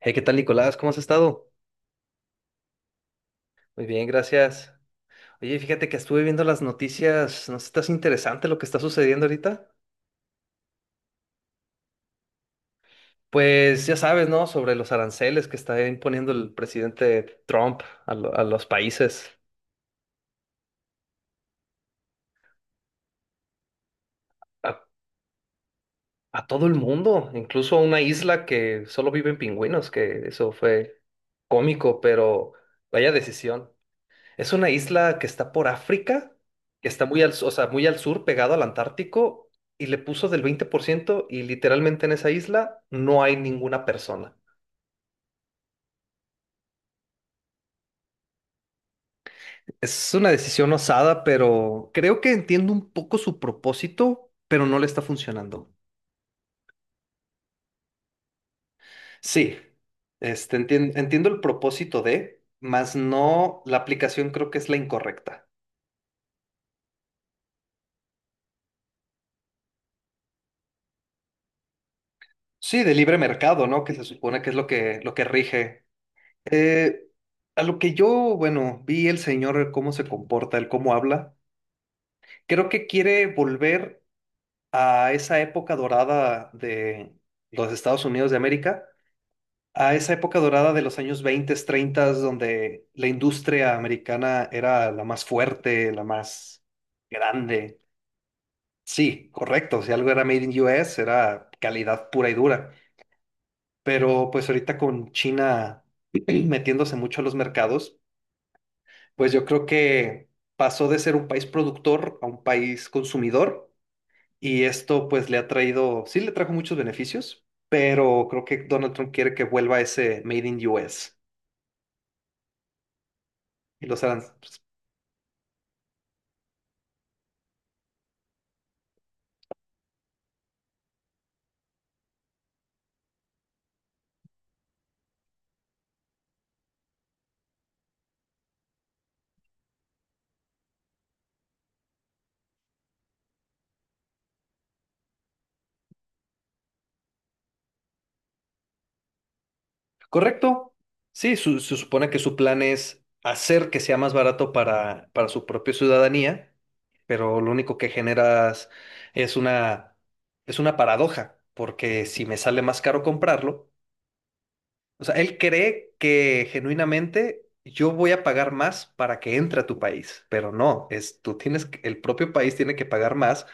Hey, ¿qué tal, Nicolás? ¿Cómo has estado? Muy bien, gracias. Oye, fíjate que estuve viendo las noticias. ¿No estás interesante lo que está sucediendo ahorita? Pues ya sabes, ¿no? Sobre los aranceles que está imponiendo el presidente Trump a, a los países, a, a todo el mundo, incluso a una isla que solo viven pingüinos, que eso fue cómico, pero vaya decisión. Es una isla que está por África, que está muy al, o sea, muy al sur, pegado al Antártico, y le puso del 20% y literalmente en esa isla no hay ninguna persona. Es una decisión osada, pero creo que entiendo un poco su propósito, pero no le está funcionando. Sí, entiendo el propósito de, más no, la aplicación creo que es la incorrecta. Sí, de libre mercado, ¿no? Que se supone que es lo que rige. Eh, a lo que yo, bueno, vi el señor cómo se comporta, el cómo habla, creo que quiere volver a esa época dorada de los Estados Unidos de América, a esa época dorada de los años 20 treinta, donde la industria americana era la más fuerte, la más grande. Sí, correcto, si algo era made in U S era calidad pura y dura, pero pues ahorita con China metiéndose mucho a los mercados, pues yo creo que pasó de ser un país productor a un país consumidor, y esto pues le ha traído, sí le trajo muchos beneficios, pero creo que Donald Trump quiere que vuelva ese Made in US y los harán. ¿Correcto? Sí, se supone que su plan es hacer que sea más barato para su propia ciudadanía, pero lo único que generas es es una paradoja, porque si me sale más caro comprarlo… O sea, él cree que genuinamente yo voy a pagar más para que entre a tu país, pero no, es el propio país tiene que pagar más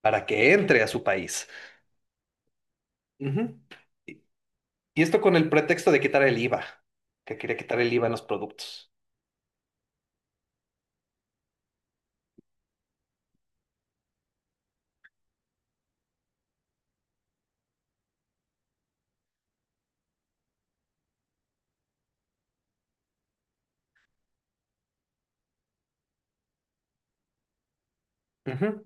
para que entre a su país. Ujú. Y y esto con el pretexto de quitar el IVA, que quería quitar el IVA en los productos. Ujú.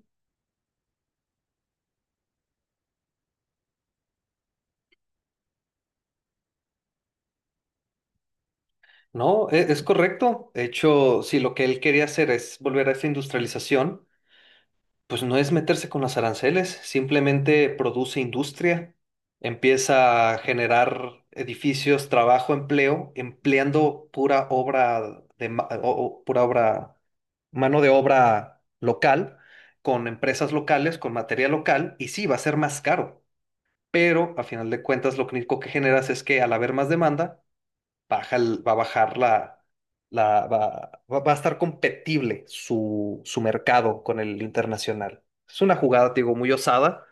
No, es correcto. De hecho, si lo que él quería hacer es volver a esa industrialización, pues no es meterse con los aranceles, simplemente produce industria, empieza a generar edificios, trabajo, empleo, empleando pura obra, mano de obra local, con empresas locales, con materia local, y sí, va a ser más caro, pero a final de cuentas lo único que generas es que al haber más demanda, va a bajar la, va a estar competible su, su mercado con el internacional. Es una jugada, te digo, muy osada,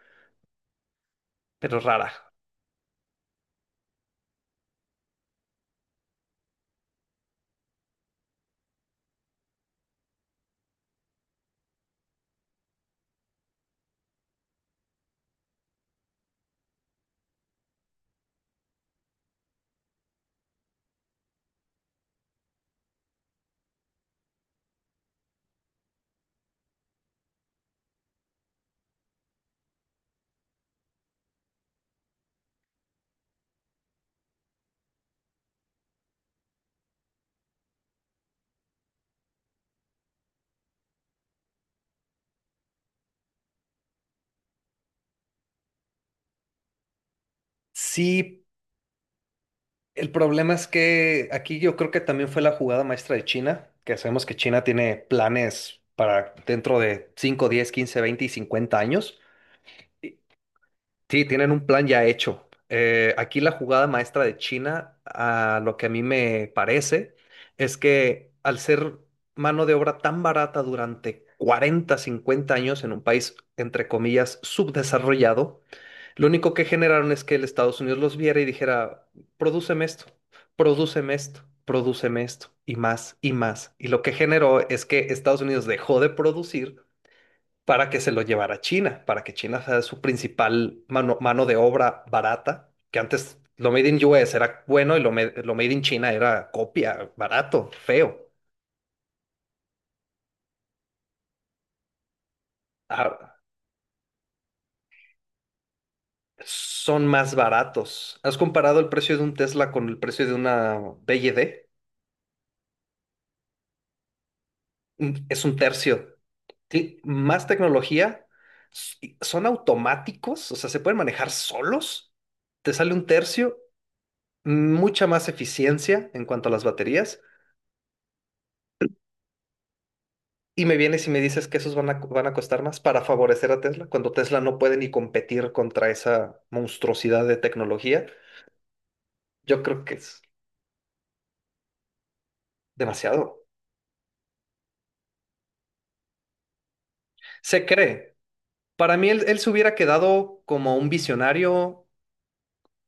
pero rara. Sí, el problema es que aquí yo creo que también fue la jugada maestra de China, que sabemos que China tiene planes para dentro de 5, 10, 15, 20 y 50 años. Y sí, tienen un plan ya hecho. Aquí la jugada maestra de China, a lo que a mí me parece, es que al ser mano de obra tan barata durante 40, 50 años en un país, entre comillas, subdesarrollado, lo único que generaron es que el Estados Unidos los viera y dijera, prodúceme esto, prodúceme esto, prodúceme esto, y más, y más. Y lo que generó es que Estados Unidos dejó de producir para que se lo llevara a China, para que China sea su principal mano de obra barata, que antes lo made in US era bueno y lo made in China era copia, barato, feo. Ah, son más baratos. ¿Has comparado el precio de un Tesla con el precio de una BYD? Mm, es un tercio. Más tecnología, y son automáticos, o sea, se pueden manejar solos. Te sale un tercio, mucha más eficiencia en cuanto a las baterías. Y me vienes y me dices que esos van a costar más para favorecer a Tesla, cuando Tesla no puede ni competir contra esa monstruosidad de tecnología. Yo creo que es demasiado. Se cree. Para mí él se hubiera quedado como un visionario,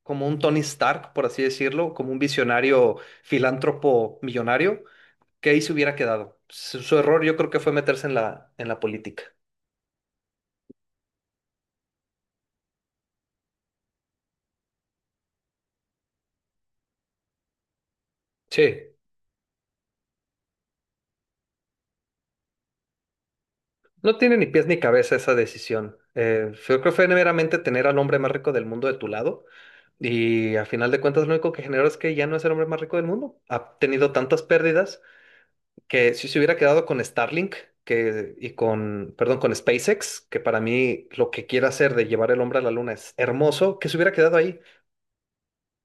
como un Tony Stark, por así decirlo, como un visionario filántropo millonario, que ahí se hubiera quedado. Su error yo creo que fue meterse en en la política. Sí, no tiene ni pies ni cabeza esa decisión. Yo creo que fue meramente tener al hombre más rico del mundo de tu lado. Y a final de cuentas, lo único que generó es que ya no es el hombre más rico del mundo. Ha tenido tantas pérdidas que si se hubiera quedado con Starlink que, y con, perdón, con SpaceX, que para mí lo que quiere hacer de llevar el hombre a la luna es hermoso, que se hubiera quedado ahí.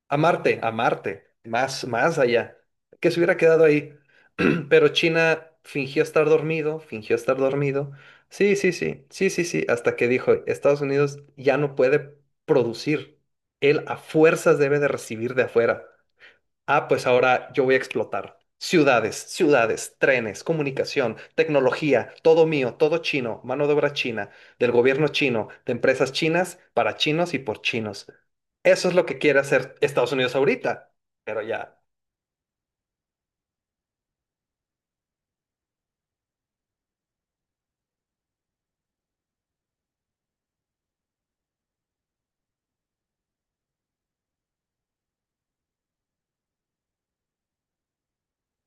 A Marte, más, más allá, que se hubiera quedado ahí. Pero China fingió estar dormido, fingió estar dormido. Sí, sí, sí, sí, sí, sí, hasta que dijo, Estados Unidos ya no puede producir, él a fuerzas debe de recibir de afuera. Ah, pues ahora yo voy a explotar. Ciudades, ciudades, trenes, comunicación, tecnología, todo mío, todo chino, mano de obra china, del gobierno chino, de empresas chinas, para chinos y por chinos. Eso es lo que quiere hacer Estados Unidos ahorita, pero ya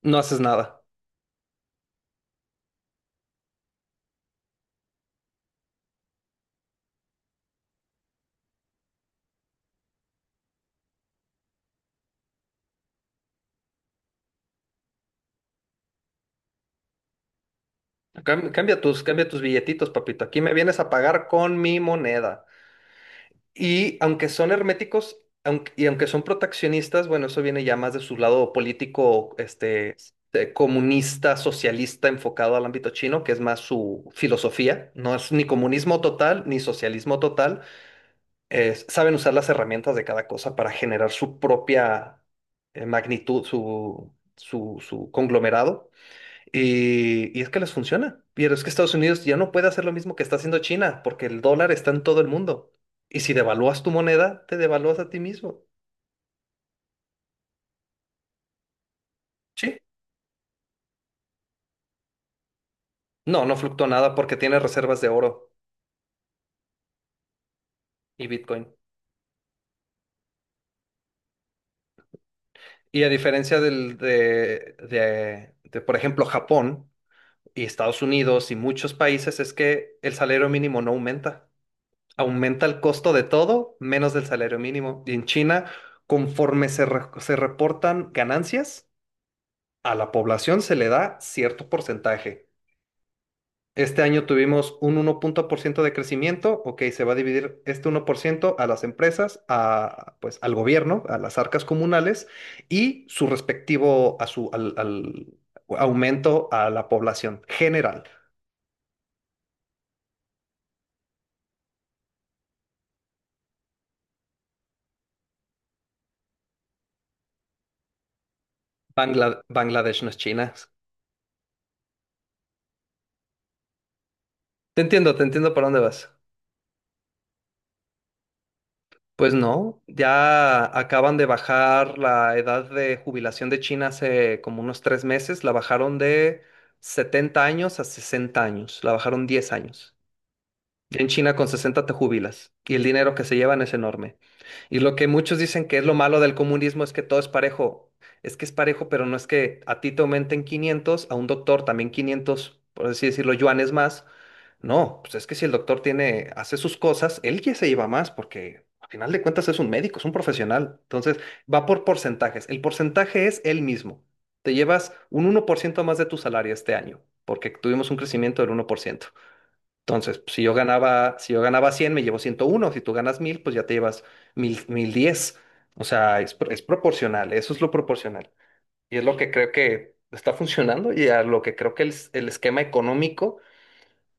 no haces nada. Cambia tus billetitos, papito. Aquí me vienes a pagar con mi moneda. Y aunque son herméticos, aunque son proteccionistas, bueno, eso viene ya más de su lado político, comunista, socialista, enfocado al ámbito chino, que es más su filosofía. No es ni comunismo total ni socialismo total. Saben usar las herramientas de cada cosa para generar su propia magnitud, su conglomerado. Y es que les funciona. Pero es que Estados Unidos ya no puede hacer lo mismo que está haciendo China, porque el dólar está en todo el mundo. Y si devalúas tu moneda, te devalúas a ti mismo. Sí. No, no fluctúa nada porque tiene reservas de oro y Bitcoin. Y a diferencia del, de, por ejemplo, Japón y Estados Unidos y muchos países, es que el salario mínimo no aumenta. Aumenta el costo de todo menos del salario mínimo. Y en China, conforme se reportan ganancias, a la población se le da cierto porcentaje. Este año tuvimos un 1% de crecimiento, ok, se va a dividir este 1% a las empresas, a, pues, al gobierno, a las arcas comunales y su respectivo a al aumento a la población general. Bangladesh no es China. Te entiendo por dónde vas. Pues no, ya acaban de bajar la edad de jubilación de China hace como unos 3 meses, la bajaron de 70 años a 60 años, la bajaron 10 años. En China con 60 te jubilas y el dinero que se llevan es enorme. Y lo que muchos dicen que es lo malo del comunismo es que todo es parejo. Es que es parejo, pero no es que a ti te aumenten 500, a un doctor también 500, por así decirlo, yuanes más. No, pues es que si el doctor tiene, hace sus cosas, él ya se lleva más porque al final de cuentas es un médico, es un profesional. Entonces va por porcentajes. El porcentaje es el mismo. Te llevas un 1% más de tu salario este año porque tuvimos un crecimiento del 1%. Entonces, pues, si yo ganaba 100 me llevo 101. Si tú ganas 1000, pues ya te llevas 1010. O sea, es proporcional, eso es lo proporcional. Y es lo que creo que está funcionando y a lo que creo que el esquema económico,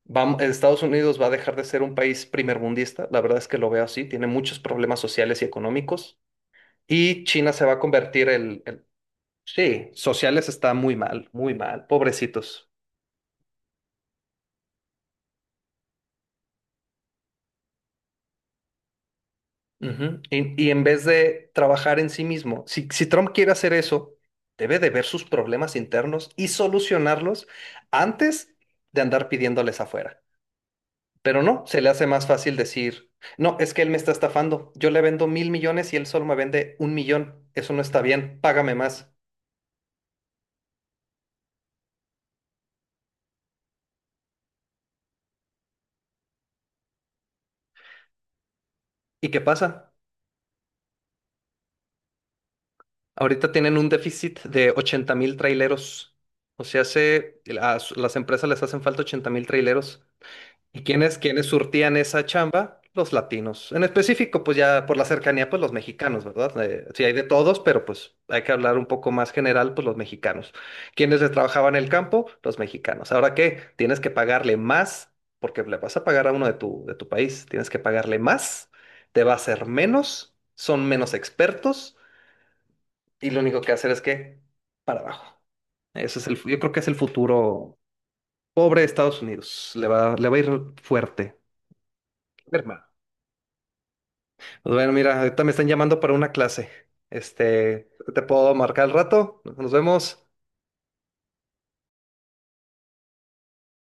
va, Estados Unidos va a dejar de ser un país primermundista. La verdad es que lo veo así, tiene muchos problemas sociales y económicos. Y China se va a convertir sí, sociales está muy mal, pobrecitos. Ujú. En vez de trabajar en sí mismo, si Trump quiere hacer eso, debe de ver sus problemas internos y solucionarlos antes de andar pidiéndoles afuera. Pero no, se le hace más fácil decir, no, es que él me está estafando, yo le vendo 1000 millones y él solo me vende 1 millón, eso no está bien, págame más. ¿Y qué pasa? Ahorita tienen un déficit de 80 000 traileros. O sea, se, a las empresas les hacen falta 80 000 traileros. ¿Y quiénes surtían esa chamba? Los latinos. En específico, pues ya por la cercanía, pues los mexicanos, ¿verdad? Sí, hay de todos, pero pues hay que hablar un poco más general, pues los mexicanos. ¿Quiénes les trabajaban el campo? Los mexicanos. ¿Ahora qué? Tienes que pagarle más, porque le vas a pagar a uno de de tu país. Tienes que pagarle más, te va a hacer menos, son menos expertos, y lo único que hacer es que para abajo. Eso es yo creo que es el futuro. Pobre Estados Unidos, le va a ir fuerte. Hermano. Pues bueno, mira, ahorita me están llamando para una clase. Te puedo marcar al rato. Nos vemos.